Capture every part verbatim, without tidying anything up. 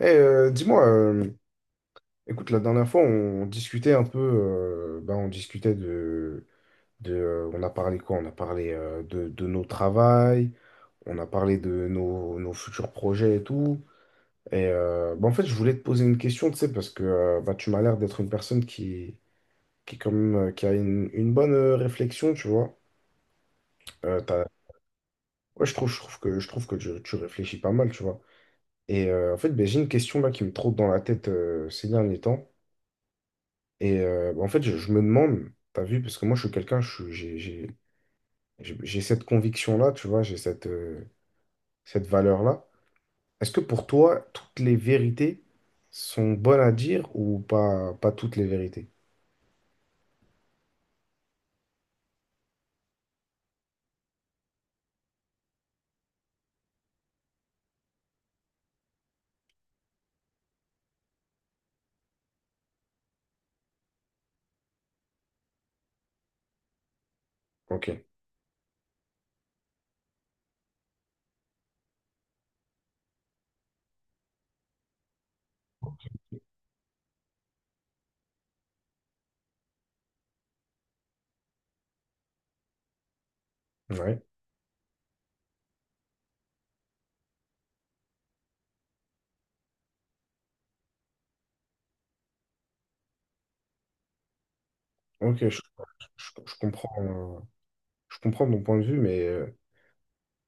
Eh, euh, dis-moi, euh, écoute, la dernière fois, on discutait un peu, euh, ben, on discutait de, de, euh, on a parlé quoi? On a parlé euh, de, de nos travails, on a parlé de nos, nos futurs projets et tout. Et euh, ben, en fait, je voulais te poser une question, tu sais, parce que euh, ben, tu m'as l'air d'être une personne qui, qui, quand même, euh, qui a une, une bonne euh, réflexion, tu vois. Euh, t'as- ouais, je trouve, je trouve que, je trouve que tu, tu réfléchis pas mal, tu vois. Et euh, en fait, ben, j'ai une question là qui me trotte dans la tête euh, ces derniers temps. Et euh, bah, en fait, je, je me demande, t'as vu, parce que moi, je suis quelqu'un, je suis- j'ai j'ai- j'ai- j'ai cette conviction-là, tu vois, j'ai cette, euh, cette valeur-là. Est-ce que pour toi, toutes les vérités sont bonnes à dire ou pas, pas toutes les vérités? Ok, ouais, ok, je, je- je comprends, euh, je comprends ton point de vue, mais euh,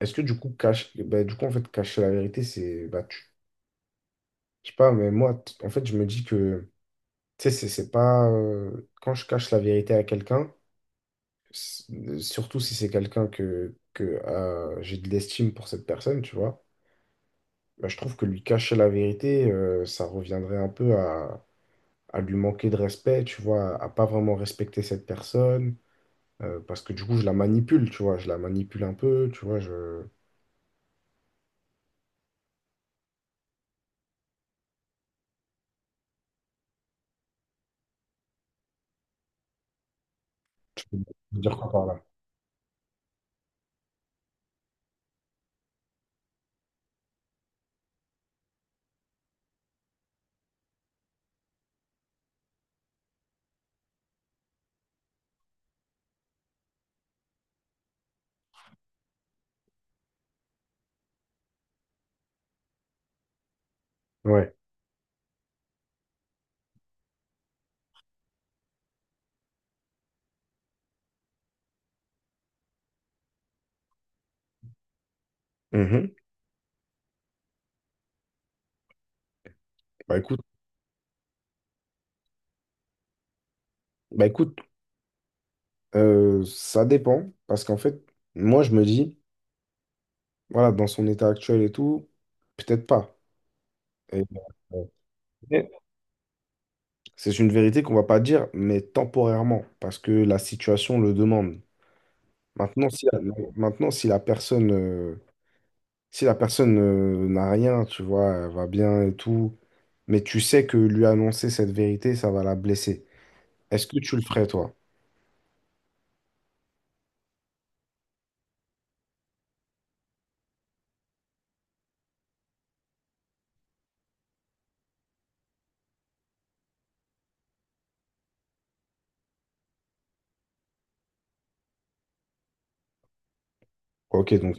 est-ce que du coup, cache bah, du coup, en fait, cacher la vérité, c'est, bah, tu- je sais pas, mais moi, t- en fait, je me dis que, tu sais, c'est c'est pas, euh, quand je cache la vérité à quelqu'un, S- surtout si c'est quelqu'un que, que euh, j'ai de l'estime pour cette personne, tu vois. Bah, je trouve que lui cacher la vérité, euh, ça reviendrait un peu à, à lui manquer de respect, tu vois, à pas vraiment respecter cette personne, euh, parce que du coup, je la manipule, tu vois, je la manipule un peu, tu vois, je... je veux dire quoi par là? Ouais. Mhm. Bah écoute, bah écoute, euh, ça dépend, parce qu'en fait, moi, je me dis, voilà, dans son état actuel et tout, peut-être pas. Et, euh, c'est une vérité qu'on va pas dire, mais temporairement, parce que la situation le demande. Maintenant, si la, maintenant, si la personne, euh, si la personne, euh, n'a rien, tu vois, elle va bien et tout, mais tu sais que lui annoncer cette vérité, ça va la blesser. Est-ce que tu le ferais, toi? Ok, donc,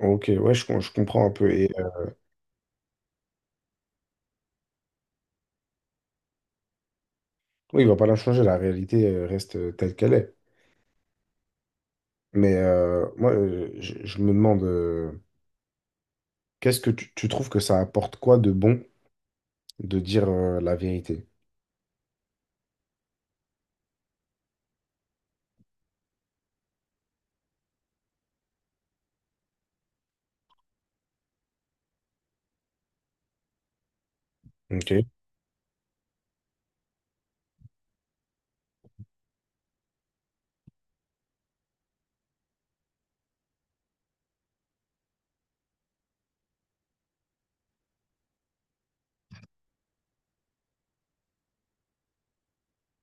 ok, ouais, je, com- je comprends un peu. Et euh, oui, il va pas la changer, la réalité euh, reste euh, telle qu'elle est. Mais euh, moi, euh, je, je me demande, euh, qu'est-ce que tu, tu trouves que ça apporte quoi de bon de dire euh, la vérité? Ok.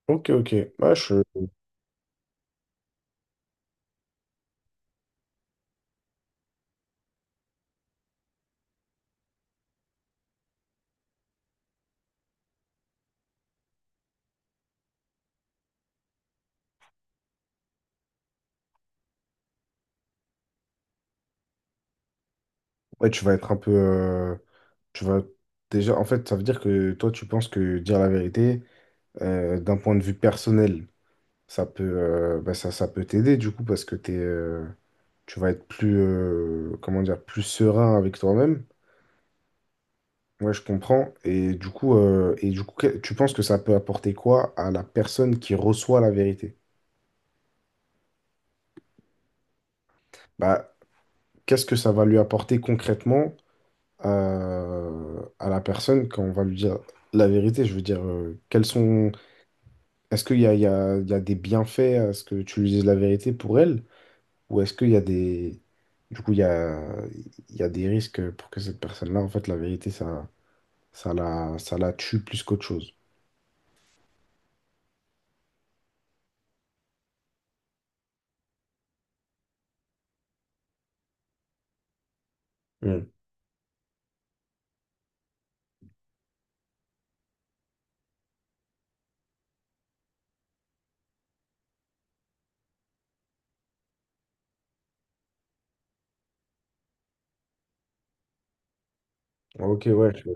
Ok, ok. Ouais, je- ouais, tu vas être un peu. euh, Tu vas déjà. En fait, ça veut dire que toi, tu penses que dire la vérité, euh, d'un point de vue personnel, ça peut, euh, bah, ça, ça peut t'aider du coup parce que t'es, euh, tu vas être plus, euh, comment dire, plus serein avec toi-même. Ouais, je comprends. Et du coup, euh, et du coup, que- tu penses que ça peut apporter quoi à la personne qui reçoit la vérité? Bah, qu'est-ce que ça va lui apporter concrètement? Euh, à la personne quand on va lui dire la vérité. Je veux dire, euh, quels sont... Est-ce qu'il y a, il y a- il y a des bienfaits à ce que tu lui dises la vérité pour elle? Ou est-ce qu'il y a des... Du coup, il y a, il y a des risques pour que cette personne-là, en fait, la vérité, ça, ça la, ça la tue plus qu'autre chose. Hmm. Ok, ouais. Je-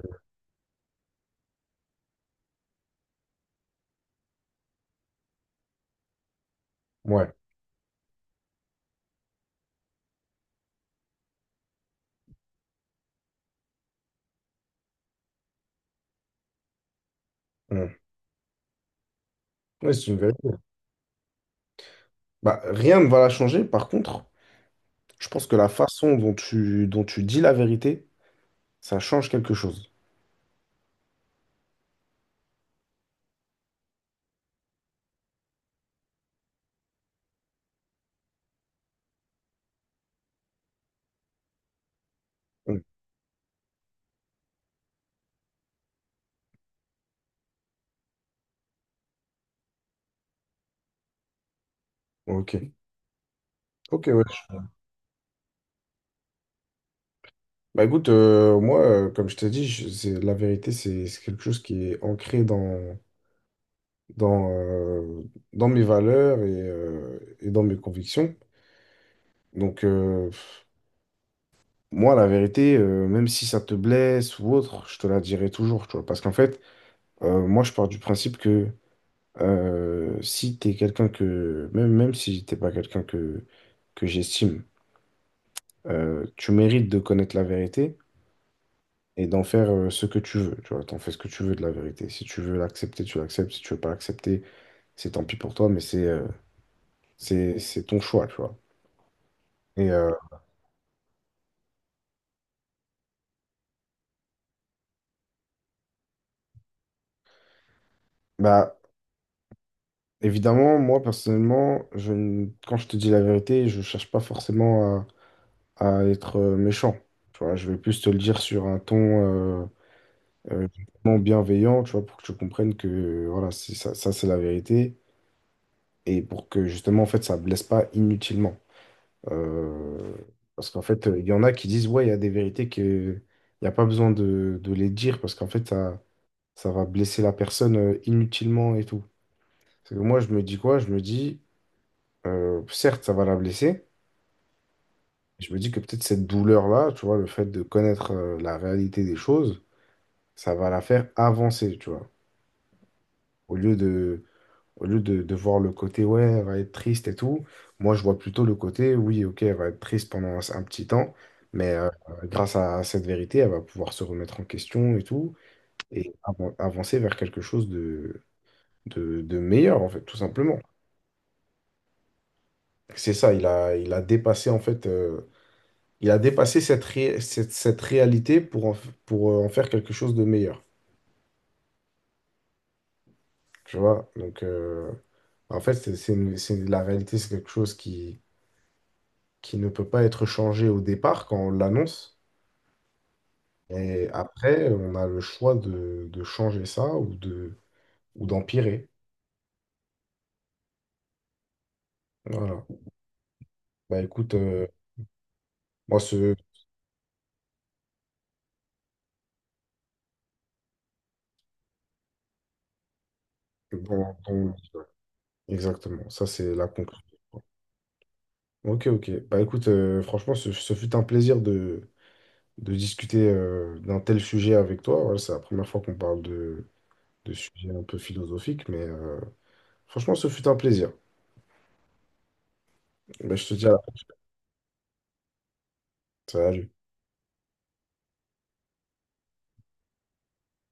ouais. Hmm. Ouais, c'est une vérité. Bah, rien ne va la changer. Par contre, je pense que la façon dont tu, dont tu dis la vérité, ça change quelque chose. Hmm. Ok. Ok, ouais. Bah écoute, euh, moi, euh, comme je t'ai dit, je- c'est, la vérité, c'est c'est quelque chose qui est ancré dans, dans, euh, dans mes valeurs et, euh, et dans mes convictions. Donc, euh, moi, la vérité, euh, même si ça te blesse ou autre, je te la dirai toujours, tu vois. Parce qu'en fait, euh, moi, je pars du principe que euh, si t'es quelqu'un que, même, même si t'es pas quelqu'un que, que j'estime, euh, tu mérites de connaître la vérité. Et d'en faire euh, ce que tu veux, tu vois, t'en fais ce que tu veux de la vérité. Si tu veux l'accepter, tu l'acceptes, si tu veux pas l'accepter, c'est tant pis pour toi, mais c'est euh, c'est c'est ton choix, tu vois. Et euh, bah évidemment, moi personnellement, je ne- quand je te dis la vérité, je cherche pas forcément à, à être euh, méchant. Tu vois, je vais plus te le dire sur un ton euh, euh, non bienveillant, tu vois, pour que tu comprennes que euh, voilà, c'est ça, ça c'est la vérité et pour que justement en fait ça blesse pas inutilement. Euh, Parce qu'en fait, euh, il y en a qui disent, ouais, il y a des vérités que il n'y a pas besoin de, de les dire parce qu'en fait, ça, ça va blesser la personne euh, inutilement et tout. C'est que moi, je me dis quoi? Je me dis, euh, certes, ça va la blesser. Je me dis que peut-être cette douleur-là, tu vois, le fait de connaître euh, la réalité des choses, ça va la faire avancer, tu vois. Au lieu de, au lieu de, de voir le côté, ouais, elle va être triste et tout, moi, je vois plutôt le côté, oui, ok, elle va être triste pendant un, un petit temps, mais euh, grâce à, cette vérité, elle va pouvoir se remettre en question et tout, et avan- avancer vers quelque chose de, de, de meilleur, en fait, tout simplement. C'est ça, il a, il a dépassé, en fait, euh, il a dépassé cette, ré- cette, cette réalité pour en, f- pour euh, en faire quelque chose de meilleur, tu vois? Donc, euh, en fait, c'est c'est une- c'est- la réalité, c'est quelque chose qui qui ne peut pas être changé au départ quand on l'annonce. Et après, on a le choix de, de changer ça ou de, ou d'empirer. Voilà. Bah écoute, euh, moi, ce. Bon, bon, exactement, ça, c'est la conclusion. Ok, ok. Bah écoute, euh, franchement, ce, ce fut un plaisir de, de discuter euh, d'un tel sujet avec toi. Voilà, c'est la première fois qu'on parle de, de sujets un peu philosophiques, mais euh, franchement, ce fut un plaisir. Bah, je te dis à la prochaine. Salut.